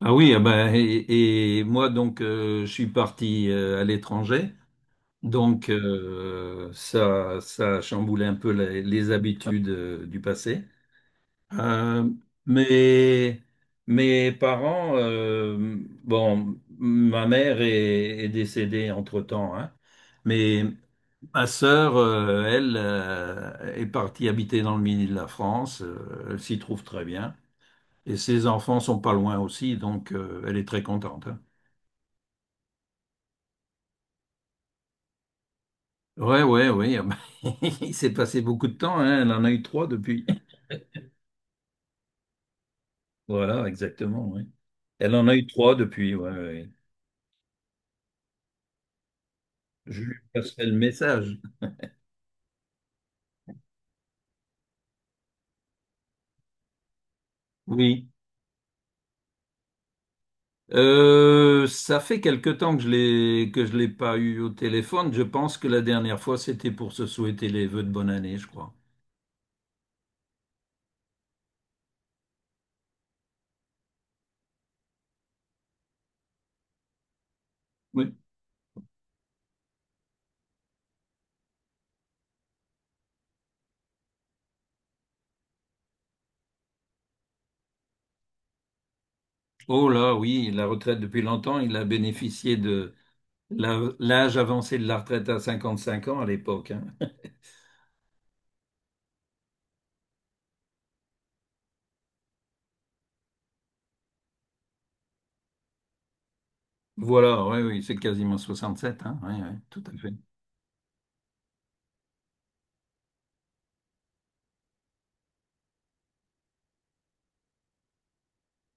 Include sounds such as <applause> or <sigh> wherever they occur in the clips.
Ah oui, ah bah, et moi donc je suis parti à l'étranger, donc ça a chamboulé un peu les habitudes du passé. Euh, mais mes parents, bon, ma mère est décédée entre-temps, hein, mais ma sœur, elle, est partie habiter dans le midi de la France, elle s'y trouve très bien. Et ses enfants sont pas loin aussi, donc elle est très contente, hein. Ouais, ouais, oui, ah bah, <laughs> il s'est passé beaucoup de temps, hein. Elle en a eu trois depuis. Voilà, exactement, oui. Elle en a eu trois depuis, ouais, ouais, ouais. Je lui passerai le message. Oui. Ça fait quelque temps que je l'ai pas eu au téléphone. Je pense que la dernière fois, c'était pour se souhaiter les vœux de bonne année, je crois. Oui. Oh là, oui, la retraite depuis longtemps, il a bénéficié de l'âge avancé de la retraite à 55 ans à l'époque, hein. Voilà, oui, oui, c'est quasiment 67, hein, oui, oui, tout à fait.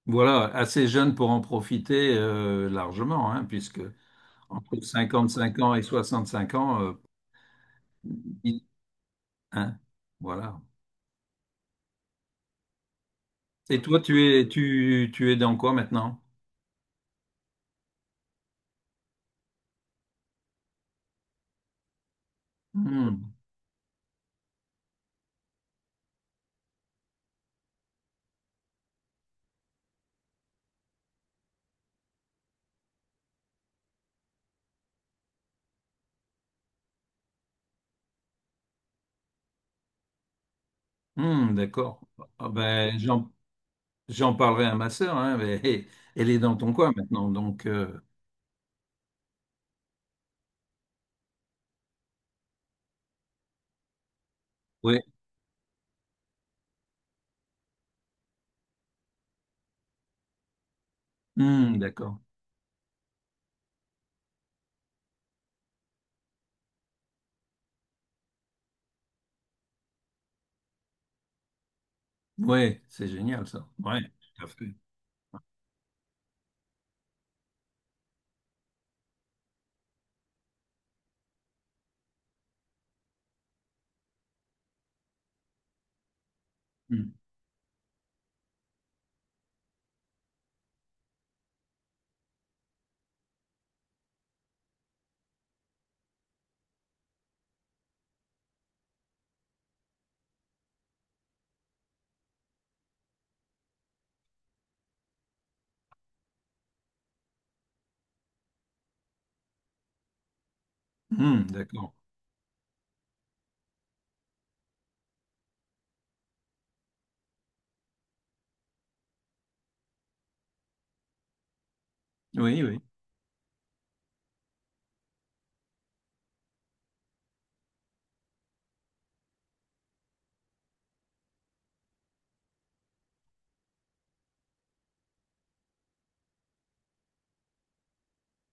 Voilà, assez jeune pour en profiter largement, hein, puisque entre 55 ans et 65 ans, il- hein, voilà. Et toi, tu es, tu es dans quoi maintenant? Hmm, hmm, d'accord. Ah ben, j'en parlerai à ma sœur, hein, mais <laughs> elle est dans ton coin maintenant, donc oui, d'accord. Oui, c'est génial ça, ouais, tout à fait. Hmm, hmm, d'accord. Oui, oui.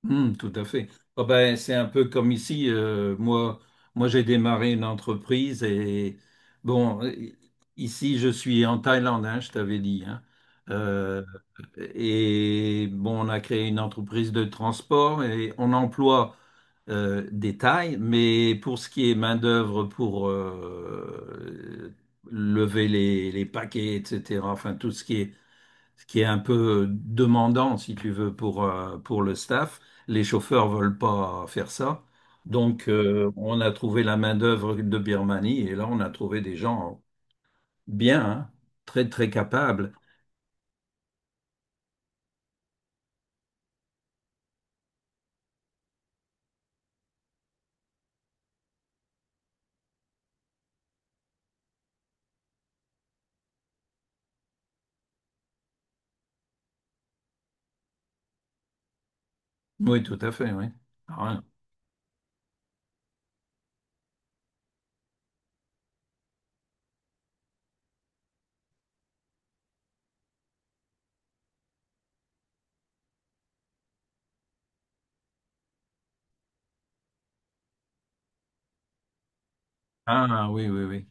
Hmm, tout à fait. Ah ben, c'est un peu comme ici. Moi j'ai démarré une entreprise et bon, ici je suis en Thaïlande, hein, je t'avais dit, hein. Euh, et bon, on a créé une entreprise de transport et on emploie des Thaïs, mais pour ce qui est main-d'œuvre pour lever les paquets, etc., enfin tout ce qui est un peu demandant, si tu veux, pour le staff. Les chauffeurs veulent pas faire ça. Donc, on a trouvé la main-d'œuvre de Birmanie et là, on a trouvé des gens bien, hein, très, très capables. Oui, tout à fait, oui. Ah, ah, oui, oui, oui.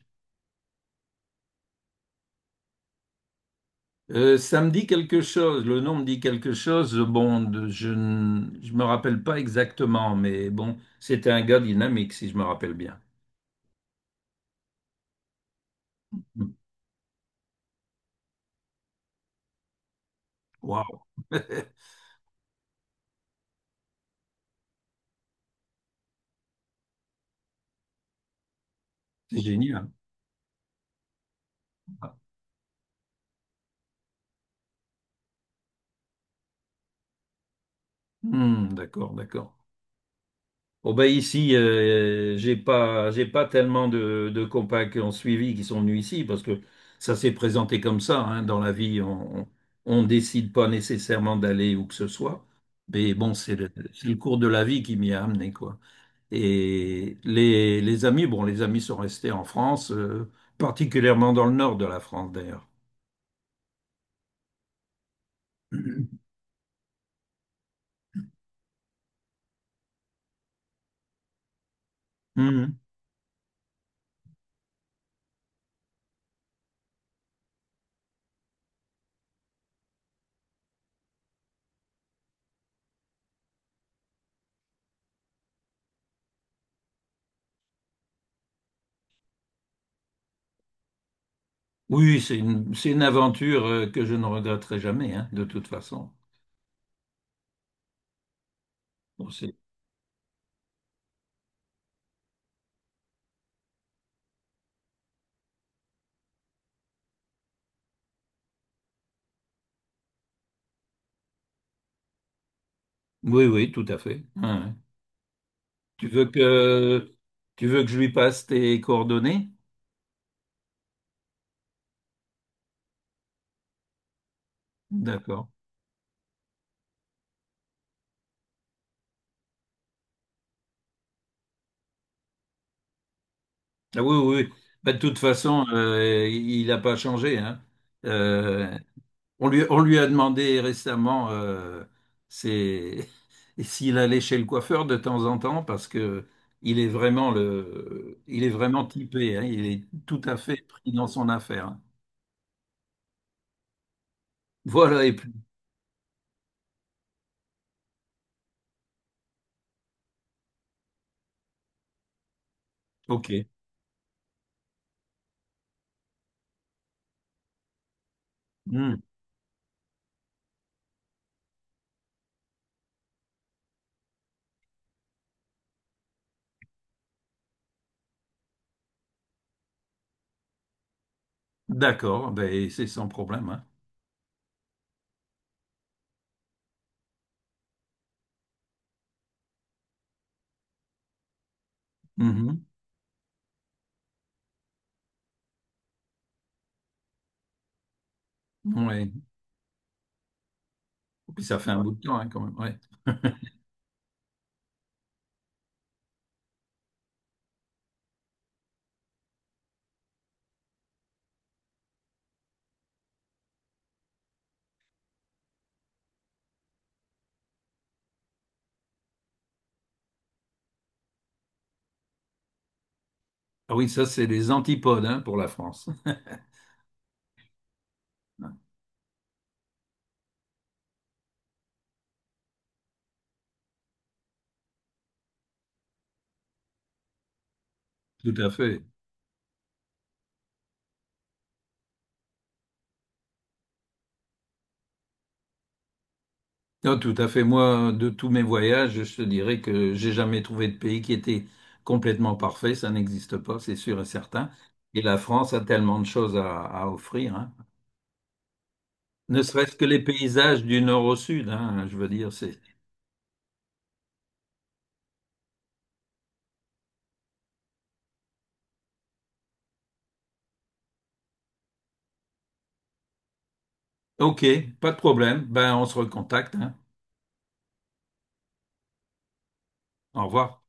Ça me dit quelque chose, le nom me dit quelque chose. Bon, je me rappelle pas exactement, mais bon, c'était un gars dynamique, si je me rappelle bien. Waouh, <laughs> c'est génial. Ah, hmm, d'accord, d'accord. Oh ben ici, j'ai pas tellement de compas qui ont suivi, qui sont venus ici, parce que ça s'est présenté comme ça, hein, dans la vie, on décide pas nécessairement d'aller où que ce soit, mais bon, c'est le cours de la vie qui m'y a amené, quoi. Et les amis, bon, les amis sont restés en France, particulièrement dans le nord de la France, d'ailleurs. <clears throat> Mhm. Oui, c'est une aventure que je ne regretterai jamais, hein, de toute façon. Bon, oui, oui, tout à fait. Ouais, ouais. Tu veux que tu veux que je lui passe tes coordonnées? D'accord. Ah oui, oui, oui. Bah, de toute façon, il n'a pas changé, hein. Euh, on lui a demandé récemment c'est- <laughs> s'il allait chez le coiffeur de temps en temps parce que il est vraiment typé, hein. Il est tout à fait pris dans son affaire. Voilà, et puis, ok. Hmm. D'accord, ben, c'est sans problème, hein. Mhm. Ouais. Puis ça fait un bout de temps, hein, quand même, ouais. <laughs> Ah oui, ça, c'est les antipodes, hein, pour la France. <laughs> Tout à fait. Non, tout à fait. Moi, de tous mes voyages, je te dirais que j'ai jamais trouvé de pays qui était complètement parfait. Ça n'existe pas, c'est sûr et certain. Et la France a tellement de choses à offrir, hein. Ne serait-ce que les paysages du nord au sud, hein, je veux dire, c'est... Ok, pas de problème. Ben, on se recontacte, hein. Au revoir.